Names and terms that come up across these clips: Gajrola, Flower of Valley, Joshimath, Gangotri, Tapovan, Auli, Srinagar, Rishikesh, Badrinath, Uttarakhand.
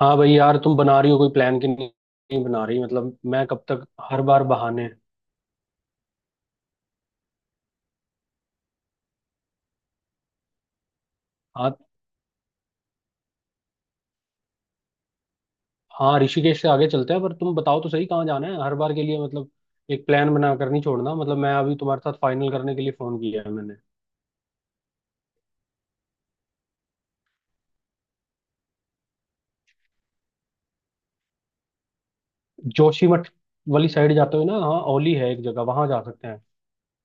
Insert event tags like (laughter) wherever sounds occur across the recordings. हाँ भाई यार, तुम बना रही हो कोई प्लान की नहीं। नहीं बना रही, मतलब मैं कब तक। हर बार बहाने। हाँ हाँ, ऋषिकेश से आगे चलते हैं, पर तुम बताओ तो सही कहाँ जाना है हर बार के लिए। मतलब एक प्लान बना कर नहीं छोड़ना, मतलब मैं अभी तुम्हारे साथ फाइनल करने के लिए फोन किया है मैंने। जोशीमठ वाली साइड जाते हुए ना, हाँ ओली है एक जगह, वहां जा सकते हैं।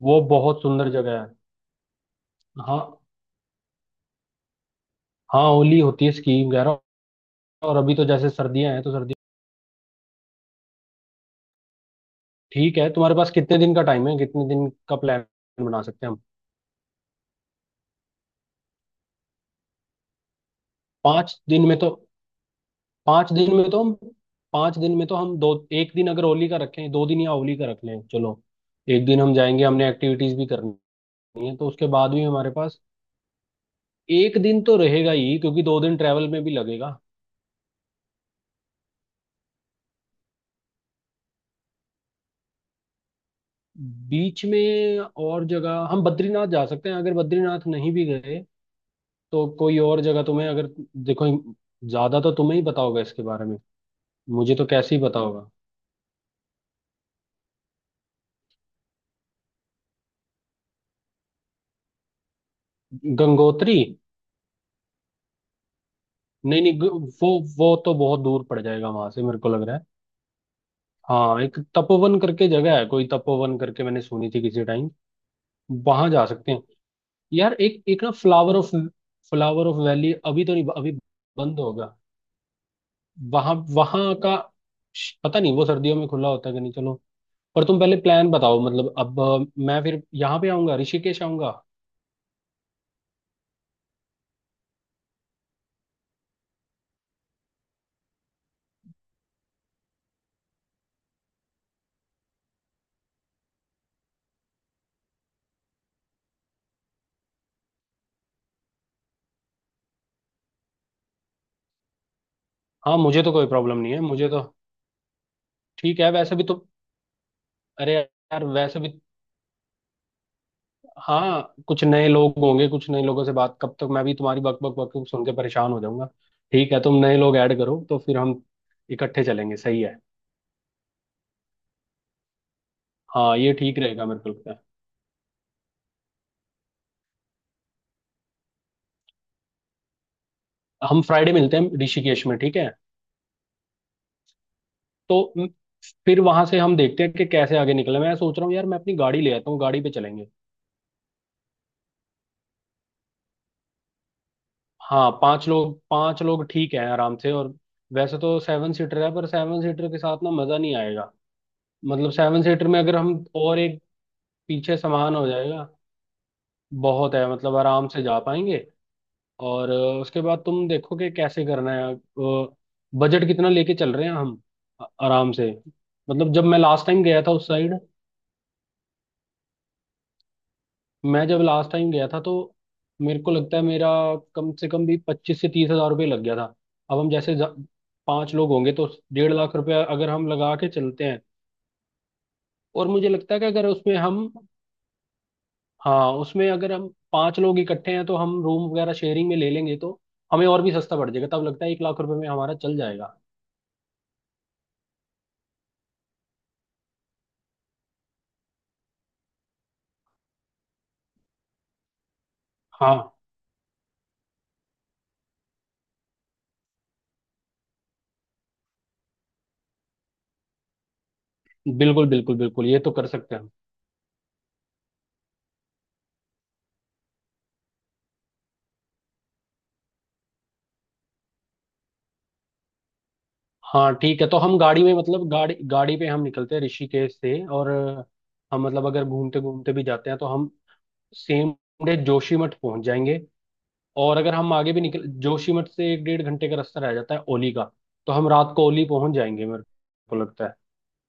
वो बहुत सुंदर जगह है। हाँ, हाँ ओली होती है स्कीम वगैरह। और अभी तो जैसे सर्दियां हैं तो सर्दी। ठीक है, तुम्हारे पास कितने दिन का टाइम है, कितने दिन का प्लान बना सकते हैं हम। पाँच दिन में तो पांच दिन में तो हम पांच दिन में तो हम दो, एक दिन अगर होली का रखें, दो दिन या होली का रख लें, चलो। एक दिन हम जाएंगे, हमने एक्टिविटीज भी करनी है, तो उसके बाद भी हमारे पास एक दिन तो रहेगा ही, क्योंकि दो दिन ट्रैवल में भी लगेगा। बीच में और जगह हम बद्रीनाथ जा सकते हैं, अगर बद्रीनाथ नहीं भी गए तो कोई और जगह तुम्हें अगर... देखो, ज्यादा तो तुम्हें ही पता होगा इसके बारे में। मुझे तो कैसे ही पता होगा। गंगोत्री। नहीं, नहीं, वो वो तो बहुत दूर पड़ जाएगा वहां से, मेरे को लग रहा है। हाँ, एक तपोवन करके जगह है कोई, तपोवन करके मैंने सुनी थी किसी टाइम। वहां जा सकते हैं। यार एक एक ना, फ्लावर ऑफ वैली अभी तो नहीं, अभी बंद होगा। वहां वहां का पता नहीं वो सर्दियों में खुला होता है कि नहीं, चलो। पर तुम पहले प्लान बताओ, मतलब अब मैं फिर यहाँ पे आऊंगा, ऋषिकेश आऊंगा। हाँ, मुझे तो कोई प्रॉब्लम नहीं है मुझे तो। ठीक है, वैसे भी तुम... अरे यार वैसे भी हाँ, कुछ नए लोग होंगे, कुछ नए लोगों से बात। कब तक मैं भी तुम्हारी बक बक बक सुन के परेशान हो जाऊंगा। ठीक है, तुम नए लोग ऐड करो तो फिर हम इकट्ठे चलेंगे, सही है। हाँ ये ठीक रहेगा, मेरे को लगता है हम फ्राइडे मिलते हैं ऋषिकेश में, ठीक है। तो फिर वहां से हम देखते हैं कि कैसे आगे निकले। मैं सोच रहा हूँ यार, मैं अपनी गाड़ी ले आता हूँ, गाड़ी पे चलेंगे। हाँ, पांच लोग ठीक है, आराम से। और वैसे तो 7 सीटर है, पर सेवन सीटर के साथ ना मजा नहीं आएगा। मतलब सेवन सीटर में अगर हम और एक... पीछे सामान हो जाएगा, बहुत है, मतलब आराम से जा पाएंगे। और उसके बाद तुम देखो कि कैसे करना है, बजट कितना लेके चल रहे हैं हम। आराम से... मतलब जब मैं लास्ट टाइम गया था उस साइड, मैं जब लास्ट टाइम गया था तो मेरे को लगता है मेरा कम से कम भी 25 से 30,000 रुपये लग गया था। अब हम जैसे पांच लोग होंगे तो 1.5 लाख रुपया अगर हम लगा के चलते हैं, और मुझे लगता है कि अगर उसमें हम... हाँ, उसमें अगर हम पांच लोग इकट्ठे हैं तो हम रूम वगैरह शेयरिंग में ले लेंगे, तो हमें और भी सस्ता पड़ जाएगा, तब लगता है 1 लाख रुपए में हमारा चल जाएगा। हाँ बिल्कुल बिल्कुल बिल्कुल, ये तो कर सकते हैं हम। हाँ ठीक है, तो हम गाड़ी में, मतलब गाड़ी गाड़ी पे हम निकलते हैं ऋषिकेश से। और हम, मतलब अगर घूमते घूमते भी जाते हैं, तो हम सेम डे जोशीमठ पहुंच जाएंगे। और अगर हम आगे भी निकल, जोशीमठ से एक डेढ़ घंटे का रास्ता रह जाता है ओली का, तो हम रात को ओली पहुंच जाएंगे मेरे को लगता है,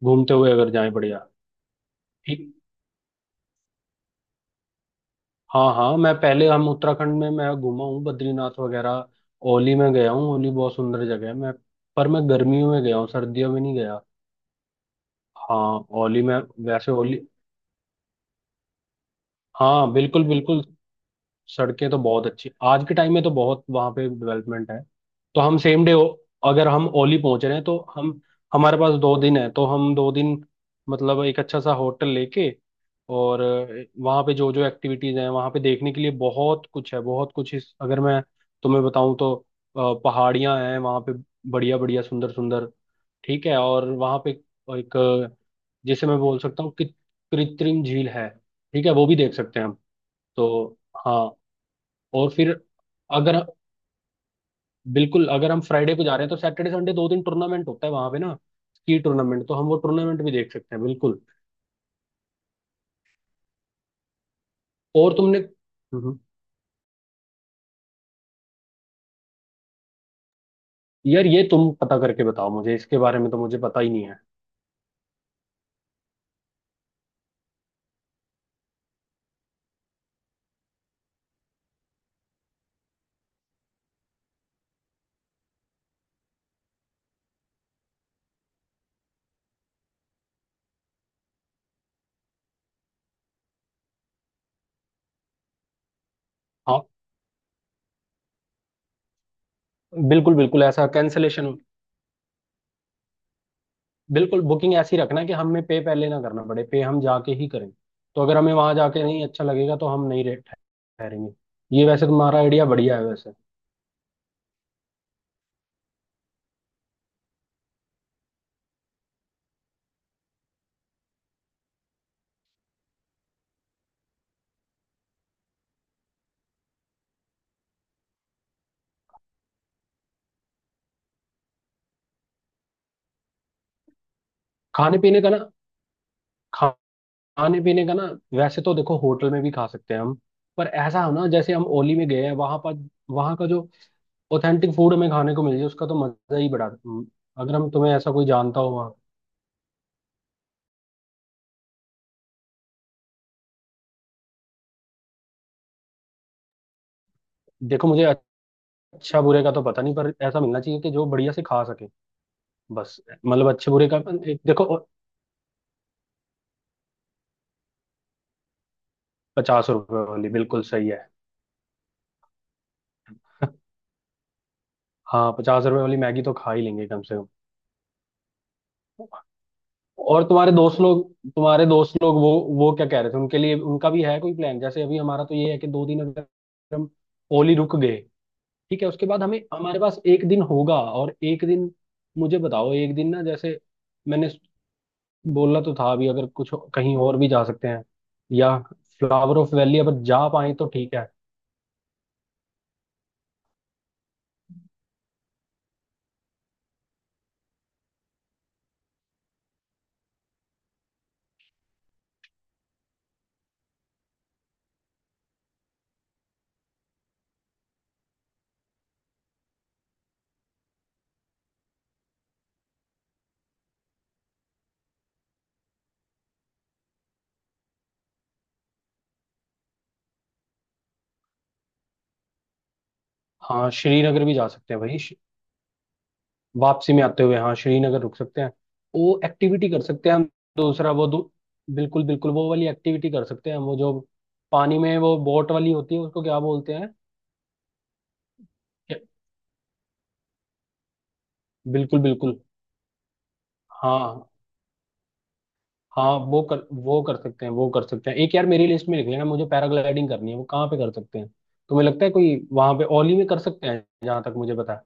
घूमते हुए अगर जाएं बढ़िया। हाँ हाँ, मैं पहले, हम उत्तराखंड में मैं घूमा हूँ, बद्रीनाथ वगैरह। ओली में गया हूँ, ओली बहुत सुंदर जगह है। मैं, पर मैं गर्मियों में गया हूँ, सर्दियों में नहीं गया। हाँ ओली में, वैसे ओली, हाँ बिल्कुल बिल्कुल, सड़कें तो बहुत अच्छी आज के टाइम में, तो बहुत वहाँ पे डेवलपमेंट है। तो हम सेम डे अगर हम ओली पहुंच रहे हैं, तो हम, हमारे पास दो दिन है तो हम दो दिन, मतलब एक अच्छा सा होटल लेके, और वहाँ पे जो जो एक्टिविटीज हैं, वहाँ पे देखने के लिए बहुत कुछ है। बहुत कुछ इस अगर मैं तुम्हें बताऊँ तो, पहाड़ियाँ हैं वहाँ पे, बढ़िया बढ़िया, सुंदर सुंदर। ठीक है, और वहाँ पे एक जैसे मैं बोल सकता हूँ कि कृत्रिम झील है, ठीक है वो भी देख सकते हैं हम। तो हाँ। और फिर अगर, बिल्कुल, अगर हम फ्राइडे को जा रहे हैं तो सैटरडे संडे दो दिन टूर्नामेंट होता है वहां पे ना, स्की टूर्नामेंट, तो हम वो टूर्नामेंट भी देख सकते हैं बिल्कुल। और तुमने यार ये तुम पता करके बताओ मुझे, इसके बारे में तो मुझे पता ही नहीं है। हाँ बिल्कुल बिल्कुल, ऐसा कैंसलेशन। बिल्कुल, बुकिंग ऐसी रखना कि हमें पे पहले ना करना पड़े, पे हम जाके ही करें। तो अगर हमें वहां जाके नहीं अच्छा लगेगा तो हम नहीं ठहरेंगे। ये वैसे तुम्हारा आइडिया बढ़िया है वैसे। खाने पीने का ना खाने पीने का ना, वैसे तो देखो होटल में भी खा सकते हैं हम, पर ऐसा हो ना, जैसे हम ओली में गए हैं वहां पर, वहां का जो ऑथेंटिक फूड हमें खाने को मिल जाए, उसका तो मजा ही बड़ा, अगर हम... तुम्हें ऐसा कोई जानता हो वहाँ। देखो मुझे, अच्छा बुरे का तो पता नहीं, पर ऐसा मिलना चाहिए कि जो बढ़िया से खा सके, बस। मतलब अच्छे बुरे का, एक देखो, 50 रुपए वाली बिल्कुल सही है। (laughs) हाँ 50 रुपए वाली मैगी तो खा ही लेंगे कम से कम। और तुम्हारे दोस्त लोग वो क्या कह रहे थे उनके लिए, उनका भी है कोई प्लान? जैसे अभी हमारा तो ये है कि दो दिन अगर हम ओली रुक गए ठीक है, उसके बाद हमें, हमारे पास एक दिन होगा और एक दिन मुझे बताओ। एक दिन ना, जैसे मैंने बोला तो था अभी, अगर कुछ कहीं और भी जा सकते हैं, या फ्लावर ऑफ वैली अगर जा पाए तो ठीक है। हाँ श्रीनगर भी जा सकते हैं भाई, वापसी में आते हुए हाँ, श्रीनगर रुक सकते हैं, वो एक्टिविटी कर सकते हैं हम। दूसरा वो दू, बिल्कुल बिल्कुल, वो वाली एक्टिविटी कर सकते हैं, वो जो पानी में वो बोट वाली होती है, उसको क्या बोलते हैं। क्या- बिल्कुल बिल्कुल। हाँ हाँ, वो कर सकते हैं, एक यार मेरी लिस्ट में लिख लेना, मुझे पैराग्लाइडिंग करनी है। वो कहाँ पे कर सकते हैं, तुम्हें लगता है? कोई वहां पे ओली में कर सकते हैं जहां तक मुझे पता है।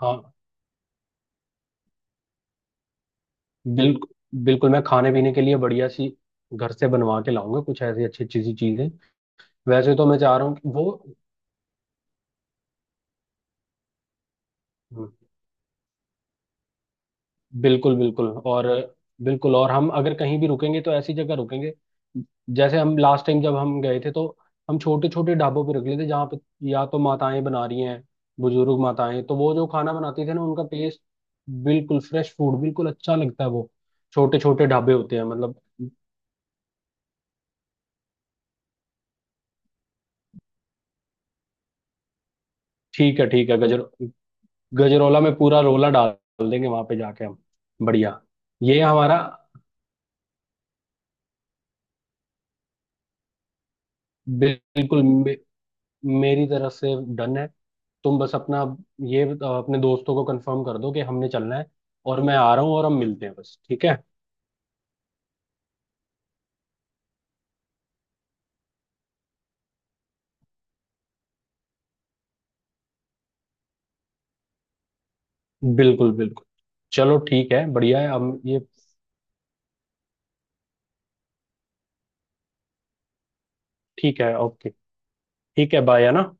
हाँ बिल्कुल बिल्कुल। मैं खाने पीने के लिए बढ़िया सी घर से बनवा के लाऊंगा कुछ ऐसी अच्छी अच्छी सी चीजें। वैसे तो मैं चाह रहा हूँ कि वो... हम्म। बिल्कुल बिल्कुल, और बिल्कुल, और हम अगर कहीं भी रुकेंगे तो ऐसी जगह रुकेंगे, जैसे हम लास्ट टाइम जब हम गए थे तो हम छोटे छोटे ढाबों पे रुक लेते, जहाँ पे या तो माताएं बना रही हैं, बुजुर्ग माताएं, तो वो जो खाना बनाती थी ना उनका टेस्ट... बिल्कुल फ्रेश फूड, बिल्कुल अच्छा लगता है वो। छोटे छोटे ढाबे होते हैं मतलब। ठीक है ठीक है, गजरौला में पूरा रोला डाल देंगे वहां पे जाके हम। बढ़िया, ये हमारा... बिल्कुल, मेरी तरफ से डन है। तुम बस अपना ये अपने दोस्तों को कंफर्म कर दो कि हमने चलना है, और मैं आ रहा हूँ और हम मिलते हैं बस, ठीक है। बिल्कुल बिल्कुल। चलो ठीक है, बढ़िया है हम ये। ठीक है, ओके। ठीक है, बाय, है ना।